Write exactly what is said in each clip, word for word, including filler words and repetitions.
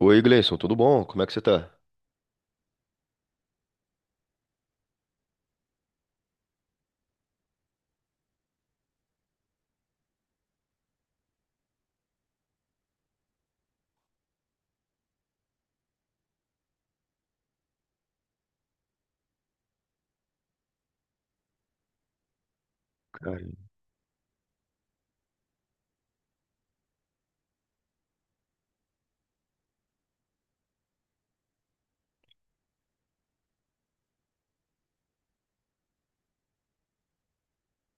Oi, Gleison, tudo bom? Como é que você tá? Cara,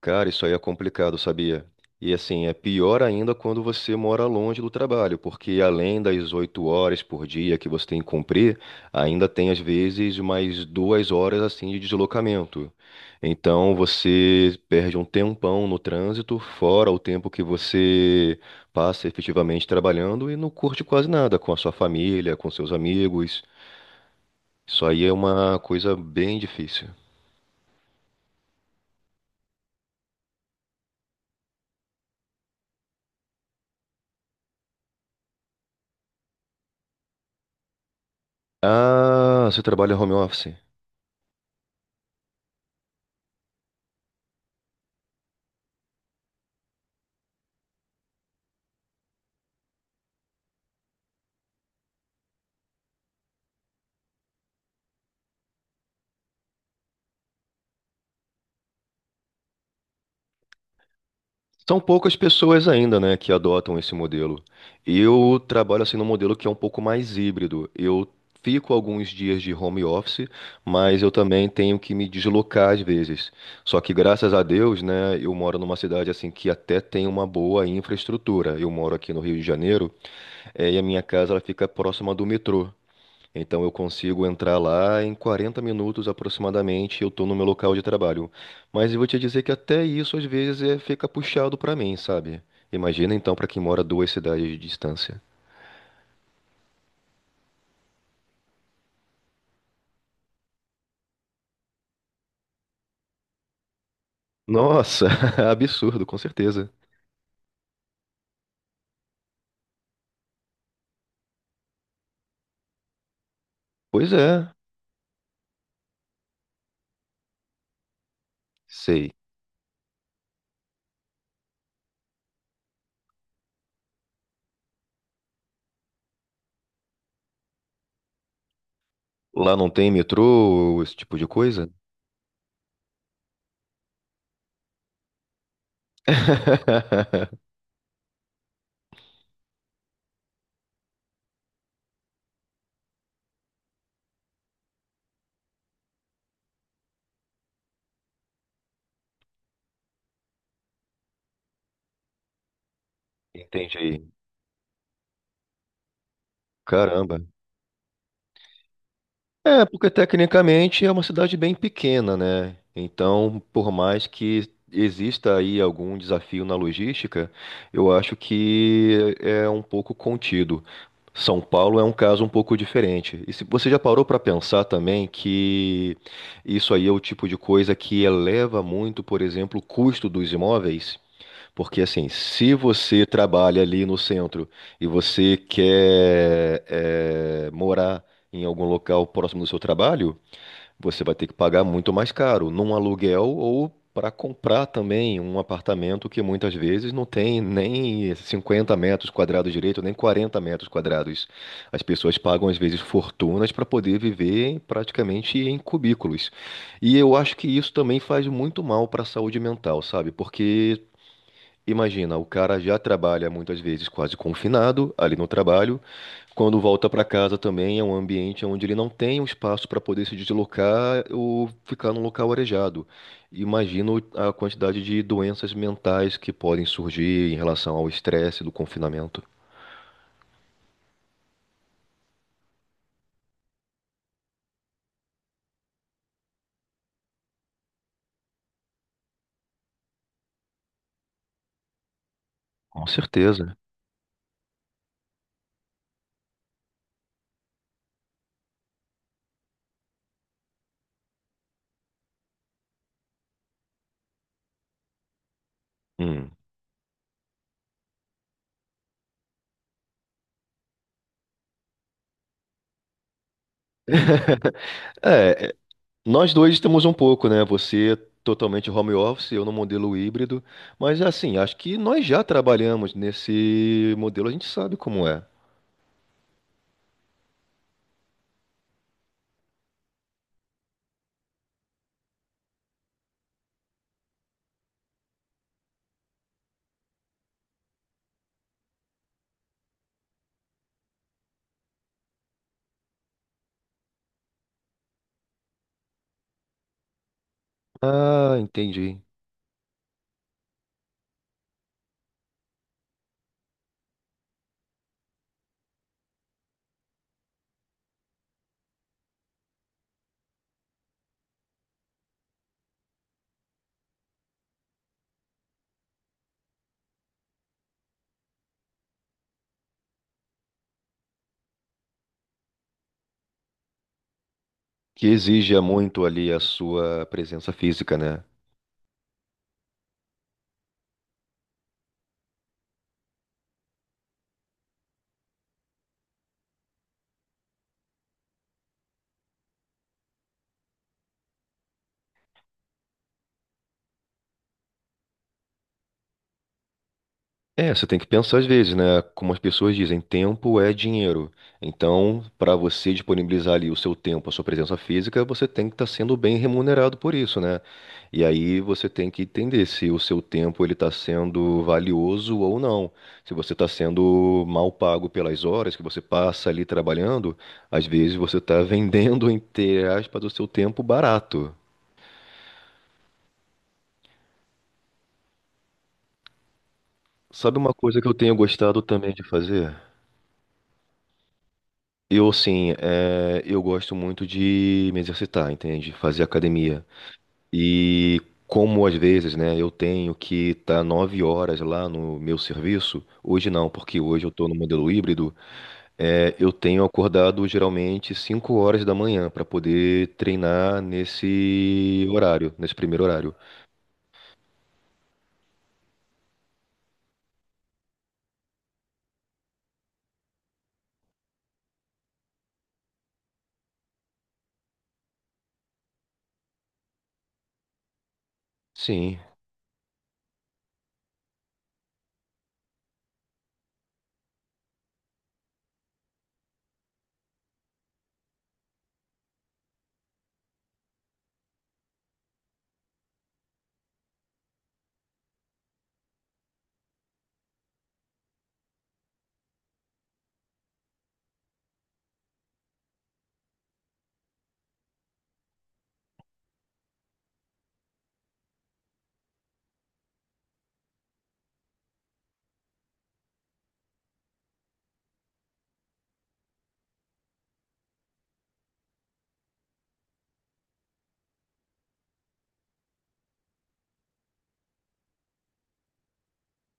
Cara, isso aí é complicado, sabia? E assim, é pior ainda quando você mora longe do trabalho, porque além das oito horas por dia que você tem que cumprir, ainda tem às vezes mais duas horas assim de deslocamento. Então você perde um tempão no trânsito, fora o tempo que você passa efetivamente trabalhando e não curte quase nada com a sua família, com seus amigos. Isso aí é uma coisa bem difícil. Ah, você trabalha home office. São poucas pessoas ainda, né, que adotam esse modelo. Eu trabalho assim num modelo que é um pouco mais híbrido. Eu fico alguns dias de home office, mas eu também tenho que me deslocar às vezes. Só que graças a Deus, né, eu moro numa cidade assim que até tem uma boa infraestrutura. Eu moro aqui no Rio de Janeiro, eh, e a minha casa ela fica próxima do metrô. Então eu consigo entrar lá em quarenta minutos aproximadamente, eu estou no meu local de trabalho. Mas eu vou te dizer que até isso às vezes é, fica puxado para mim, sabe? Imagina então para quem mora duas cidades de distância. Nossa, absurdo, com certeza. Pois é, sei. Lá não tem metrô, esse tipo de coisa? Entendi. Caramba. É, porque tecnicamente é uma cidade bem pequena, né? Então, por mais que exista aí algum desafio na logística, eu acho que é um pouco contido. São Paulo é um caso um pouco diferente. E se você já parou para pensar também que isso aí é o tipo de coisa que eleva muito, por exemplo, o custo dos imóveis? Porque assim, se você trabalha ali no centro e você quer eh, morar em algum local próximo do seu trabalho, você vai ter que pagar muito mais caro num aluguel ou para comprar também um apartamento que muitas vezes não tem nem cinquenta metros quadrados direito, nem quarenta metros quadrados. As pessoas pagam às vezes fortunas para poder viver em- praticamente em cubículos. E eu acho que isso também faz muito mal para a saúde mental, sabe? Porque imagina, o cara já trabalha muitas vezes quase confinado ali no trabalho. Quando volta para casa também é um ambiente onde ele não tem um espaço para poder se deslocar ou ficar num local arejado. Imagino a quantidade de doenças mentais que podem surgir em relação ao estresse do confinamento. Com certeza. Hum. É, é, nós dois temos um pouco, né? Você totalmente home office, eu no modelo híbrido, mas assim, acho que nós já trabalhamos nesse modelo, a gente sabe como é. Ah, entendi. Que exija muito ali a sua presença física, né? É, você tem que pensar às vezes, né? Como as pessoas dizem, tempo é dinheiro. Então, para você disponibilizar ali o seu tempo, a sua presença física, você tem que estar sendo bem remunerado por isso, né? E aí você tem que entender se o seu tempo ele está sendo valioso ou não. Se você está sendo mal pago pelas horas que você passa ali trabalhando, às vezes você está vendendo, entre aspas, o seu tempo barato. Sabe uma coisa que eu tenho gostado também de fazer? Eu, assim, é, eu gosto muito de me exercitar, entende? Fazer academia. E como às vezes, né, eu tenho que estar nove horas lá no meu serviço, hoje não, porque hoje eu estou no modelo híbrido, é, eu tenho acordado geralmente cinco horas da manhã para poder treinar nesse horário, nesse primeiro horário. Sim.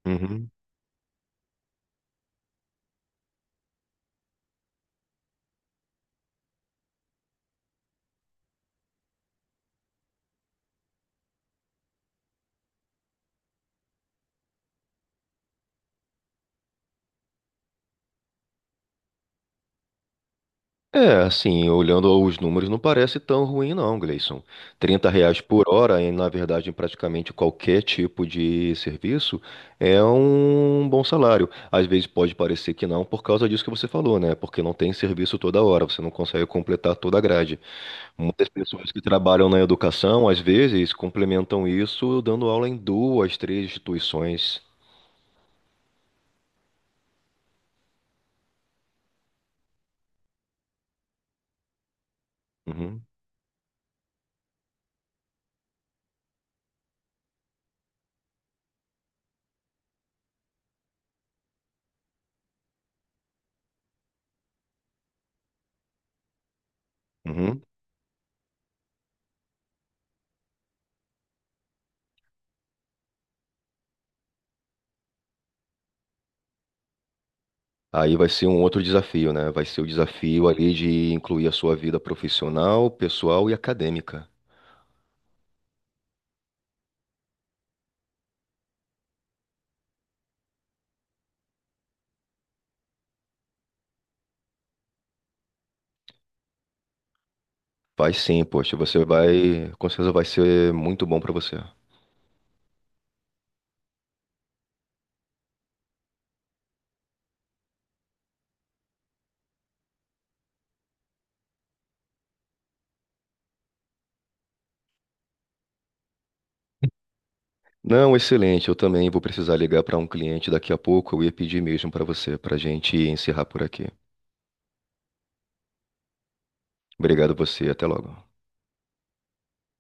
Uhum. É, assim, olhando os números, não parece tão ruim não, Gleison. Trinta reais por hora, e na verdade, em praticamente qualquer tipo de serviço, é um bom salário. Às vezes pode parecer que não, por causa disso que você falou, né? Porque não tem serviço toda hora, você não consegue completar toda a grade. Muitas pessoas que trabalham na educação, às vezes, complementam isso dando aula em duas, três instituições. Uhum, uhum. Aí vai ser um outro desafio, né? Vai ser o desafio ali de incluir a sua vida profissional, pessoal e acadêmica. Vai sim, poxa, você vai, com certeza vai ser muito bom para você. Não, excelente. Eu também vou precisar ligar para um cliente daqui a pouco. Eu ia pedir mesmo para você, para a gente encerrar por aqui. Obrigado a você, até logo.